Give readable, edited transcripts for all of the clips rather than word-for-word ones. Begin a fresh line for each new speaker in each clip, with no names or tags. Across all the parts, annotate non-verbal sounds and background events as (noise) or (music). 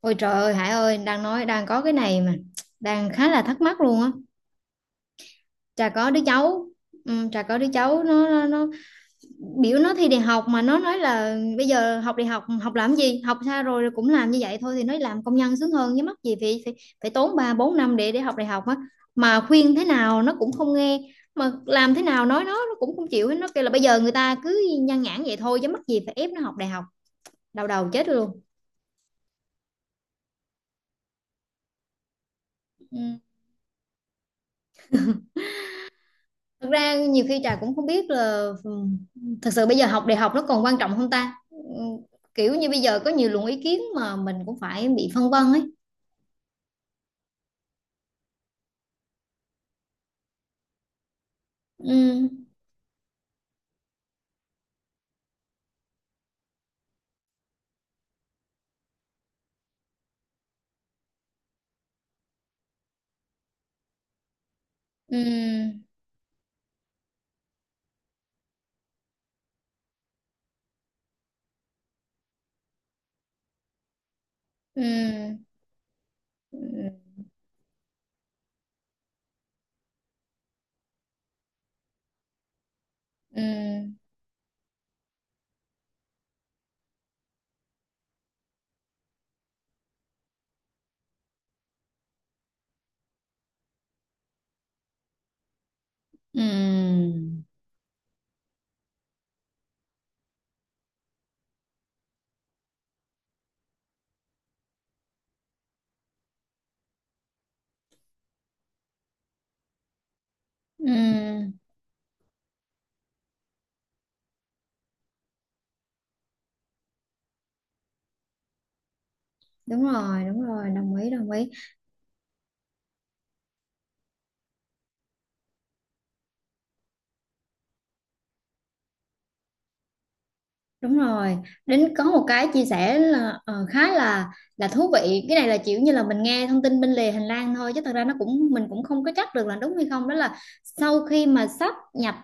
Ôi trời ơi, Hải ơi, đang nói đang có cái này mà đang khá là thắc mắc luôn á. Trà có đứa cháu, Trà có đứa cháu, nó biểu nó thi đại học, mà nó nói là bây giờ học đại học học làm gì, học xa rồi rồi cũng làm như vậy thôi thì nó làm công nhân sướng hơn, chứ mắc gì phải phải, phải tốn 3-4 năm để học đại học á. Mà khuyên thế nào nó cũng không nghe, mà làm thế nào nói nó cũng không chịu hết. Nó kêu là bây giờ người ta cứ nhan nhản vậy thôi, chứ mắc gì phải ép nó học đại học. Đau đầu chết luôn. Ừ. Thực ra nhiều khi Trà cũng không biết là thật sự bây giờ học đại học nó còn quan trọng không ta? Kiểu như bây giờ có nhiều luồng ý kiến mà mình cũng phải bị phân vân ấy. Ừm, ừm, ừm, ừm, ừm, ừm. Đúng rồi, đồng ý, đồng ý. Đúng rồi. Đến có một cái chia sẻ là khá là thú vị. Cái này là kiểu như là mình nghe thông tin bên lề hành lang thôi, chứ thật ra nó cũng mình cũng không có chắc được là đúng hay không. Đó là sau khi mà sáp nhập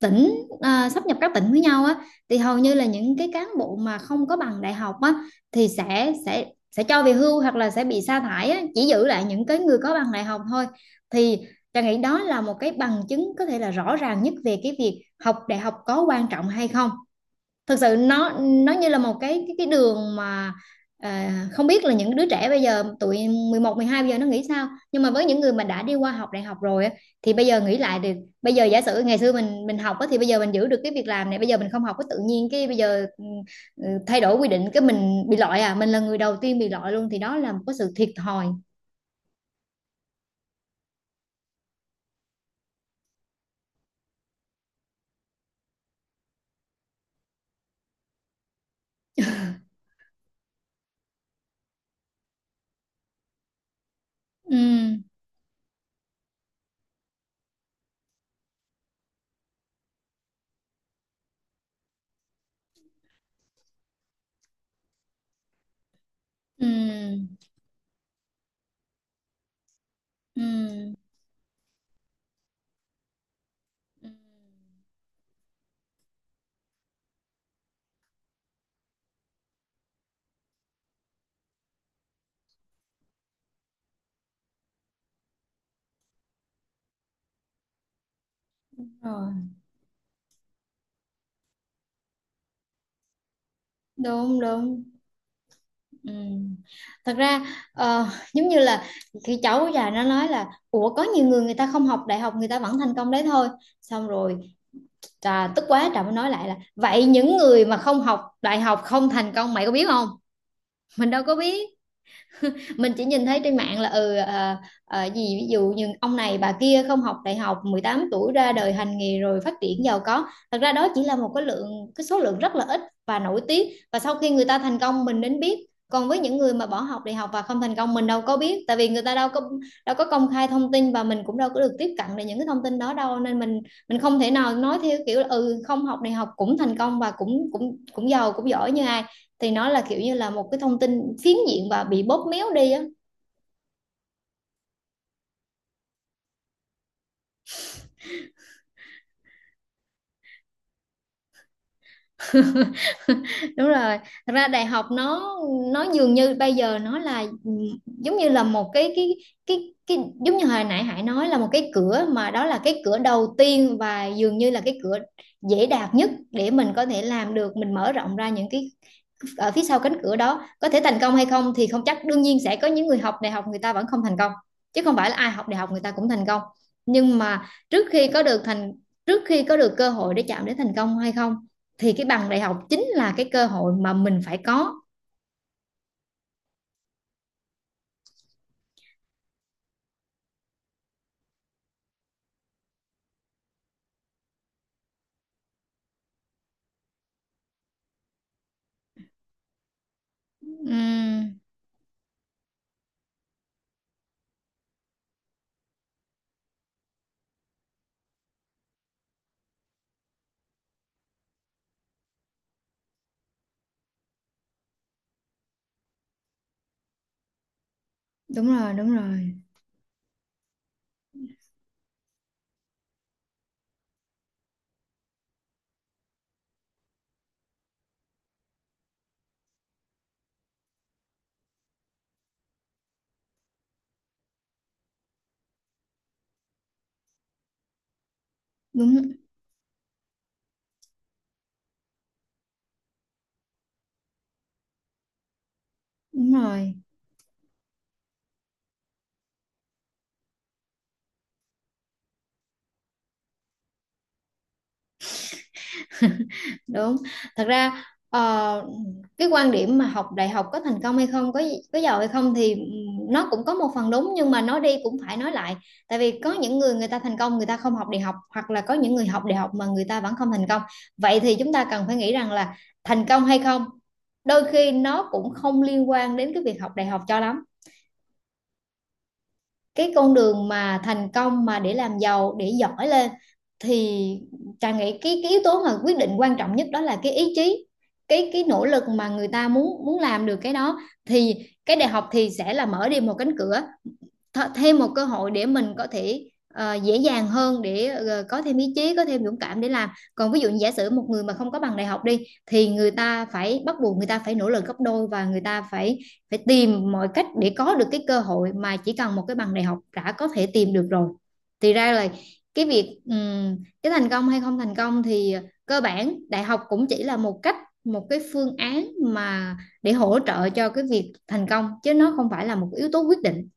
tỉnh à, sáp nhập các tỉnh với nhau á, thì hầu như là những cái cán bộ mà không có bằng đại học á thì sẽ sẽ cho về hưu hoặc là sẽ bị sa thải á, chỉ giữ lại những cái người có bằng đại học thôi, thì Trà nghĩ đó là một cái bằng chứng có thể là rõ ràng nhất về cái việc học đại học có quan trọng hay không. Thực sự nó như là một cái đường mà à, không biết là những đứa trẻ bây giờ tụi 11, 12 bây giờ nó nghĩ sao, nhưng mà với những người mà đã đi qua học đại học rồi á, thì bây giờ nghĩ lại được, bây giờ giả sử ngày xưa mình học á, thì bây giờ mình giữ được cái việc làm này. Bây giờ mình không học có tự nhiên cái bây giờ thay đổi quy định cái mình bị loại à, mình là người đầu tiên bị loại luôn, thì đó là một cái sự thiệt thòi. Ừ, ừ, ừ, ừ. Rồi. Đúng, đúng. Ừ. Thật ra ờ, giống như là cái cháu già nó nói là ủa, có nhiều người người ta không học đại học người ta vẫn thành công đấy thôi, xong rồi Trà tức quá Trà mới nói lại là vậy những người mà không học đại học không thành công mày có biết không, mình đâu có biết. Mình chỉ nhìn thấy trên mạng là gì ví dụ như ông này bà kia không học đại học 18 tuổi ra đời hành nghề rồi phát triển giàu có, thật ra đó chỉ là một cái lượng cái số lượng rất là ít và nổi tiếng, và sau khi người ta thành công mình đến biết, còn với những người mà bỏ học đại học và không thành công mình đâu có biết, tại vì người ta đâu có công khai thông tin và mình cũng đâu có được tiếp cận được những cái thông tin đó đâu, nên mình không thể nào nói theo kiểu là, ừ, không học đại học cũng thành công và cũng cũng cũng giàu cũng giỏi như ai, thì nó là kiểu như là một cái thông tin phiến diện và bị bóp méo đi á. (laughs) Đúng rồi. Thật ra đại học nó dường như bây giờ nó là giống như là một cái giống như hồi nãy Hải nói là một cái cửa, mà đó là cái cửa đầu tiên và dường như là cái cửa dễ đạt nhất để mình có thể làm được, mình mở rộng ra những cái ở phía sau cánh cửa đó có thể thành công hay không thì không chắc. Đương nhiên sẽ có những người học đại học người ta vẫn không thành công, chứ không phải là ai học đại học người ta cũng thành công, nhưng mà trước khi có được cơ hội để chạm đến thành công hay không, thì cái bằng đại học chính là cái cơ hội mà mình phải có. Ừm. Đúng rồi, đúng rồi. Đúng. Đúng rồi. Đúng. Thật ra ờ, cái quan điểm mà học đại học có thành công hay không, có giàu hay không thì nó cũng có một phần đúng, nhưng mà nói đi cũng phải nói lại, tại vì có những người người ta thành công người ta không học đại học, hoặc là có những người học đại học mà người ta vẫn không thành công. Vậy thì chúng ta cần phải nghĩ rằng là thành công hay không đôi khi nó cũng không liên quan đến cái việc học đại học cho lắm. Cái con đường mà thành công, mà để làm giàu, để giỏi lên, thì Trà nghĩ cái yếu tố mà quyết định quan trọng nhất đó là cái ý chí, cái nỗ lực mà người ta muốn muốn làm được cái đó, thì cái đại học thì sẽ là mở đi một cánh cửa, thêm một cơ hội để mình có thể dễ dàng hơn, để có thêm ý chí, có thêm dũng cảm để làm. Còn ví dụ như giả sử một người mà không có bằng đại học đi, thì người ta phải bắt buộc người ta phải nỗ lực gấp đôi, và người ta phải phải tìm mọi cách để có được cái cơ hội mà chỉ cần một cái bằng đại học đã có thể tìm được rồi. Thì ra là cái việc cái thành công hay không thành công thì cơ bản đại học cũng chỉ là một cái phương án mà để hỗ trợ cho cái việc thành công, chứ nó không phải là một yếu tố quyết định.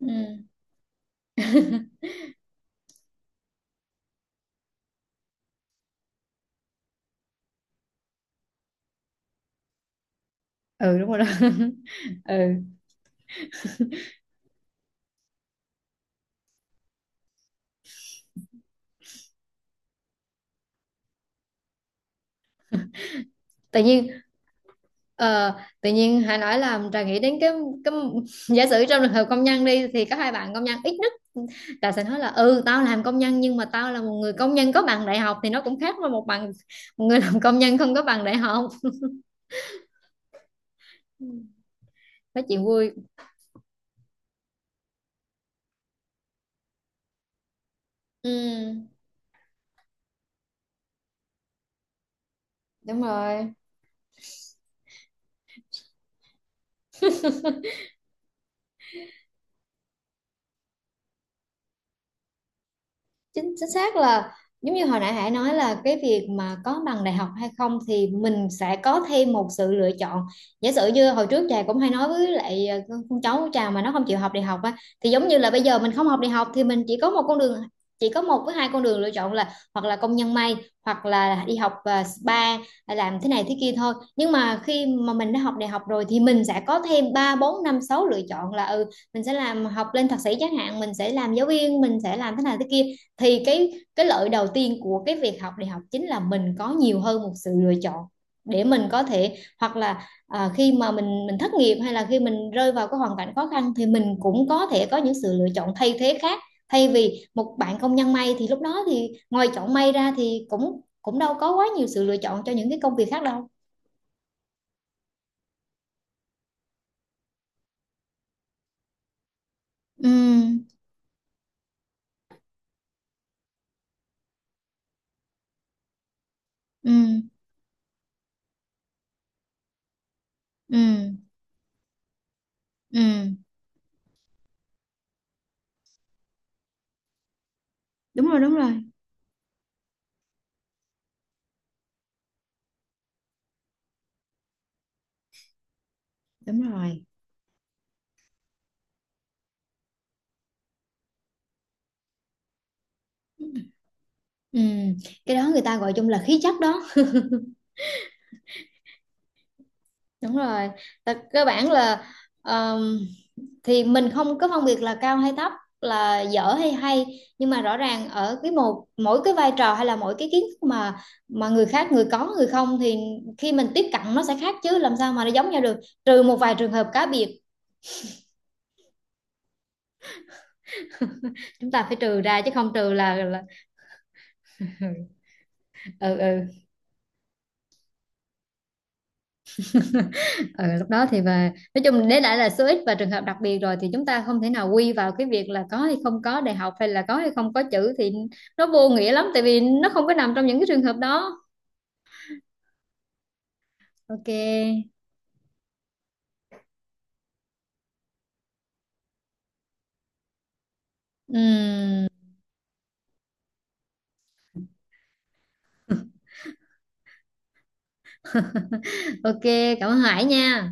Ừ, ừ, đúng rồi đó. (laughs) Ừ. Tự nhiên. Ờ, tự nhiên hãy nói là Trà nghĩ đến cái (laughs) giả sử trong trường hợp công nhân đi, thì có hai bạn công nhân ít nhất Trà sẽ nói là ừ, tao làm công nhân nhưng mà tao là một người công nhân có bằng đại học, thì nó cũng khác với một người làm công nhân không có bằng đại học. Ừ, nói chuyện vui. Ừ, đúng rồi. Chính chính xác là giống như hồi nãy Hải nói là cái việc mà có bằng đại học hay không thì mình sẽ có thêm một sự lựa chọn. Giả sử như hồi trước Trà cũng hay nói với lại con cháu của Trà mà nó không chịu học đại học á, thì giống như là bây giờ mình không học đại học thì mình chỉ có một với hai con đường lựa chọn là hoặc là công nhân may, hoặc là đi học spa, làm thế này thế kia thôi. Nhưng mà khi mà mình đã học đại học rồi thì mình sẽ có thêm 3, 4, 5, 6 lựa chọn, là ừ, mình sẽ học lên thạc sĩ chẳng hạn, mình sẽ làm giáo viên, mình sẽ làm thế này thế kia. Thì cái lợi đầu tiên của cái việc học đại học chính là mình có nhiều hơn một sự lựa chọn, để mình có thể hoặc là khi mà mình thất nghiệp, hay là khi mình rơi vào cái hoàn cảnh khó khăn, thì mình cũng có thể có những sự lựa chọn thay thế khác, thay vì một bạn công nhân may thì lúc đó thì ngoài chọn may ra thì cũng cũng đâu có quá nhiều sự lựa chọn cho những cái công việc khác đâu. Ừ, ừ, ừ, ừ. Đúng rồi. Đúng rồi. Đúng rồi. Ừ, cái đó người ta gọi chung là khí chất đó. Đúng rồi. Tại cơ bản là ờm, thì mình không có phân biệt là cao hay thấp, là dở hay hay, nhưng mà rõ ràng ở cái một mỗi cái vai trò hay là mỗi cái kiến thức mà người khác người có người không, thì khi mình tiếp cận nó sẽ khác chứ làm sao mà nó giống nhau được, trừ một vài trường hợp cá biệt. Chúng ta phải trừ ra, chứ không trừ là. (laughs) Ừ, ừ. Ừ, lúc đó thì và nói chung đấy lại là số ít và trường hợp đặc biệt rồi, thì chúng ta không thể nào quy vào cái việc là có hay không có đại học, hay là có hay không có chữ, thì nó vô nghĩa lắm, tại vì nó không có nằm trong những cái trường hợp đó. OK. Ừm. OK, cảm ơn Hải nha.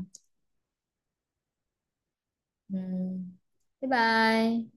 Ừm. Bye bye.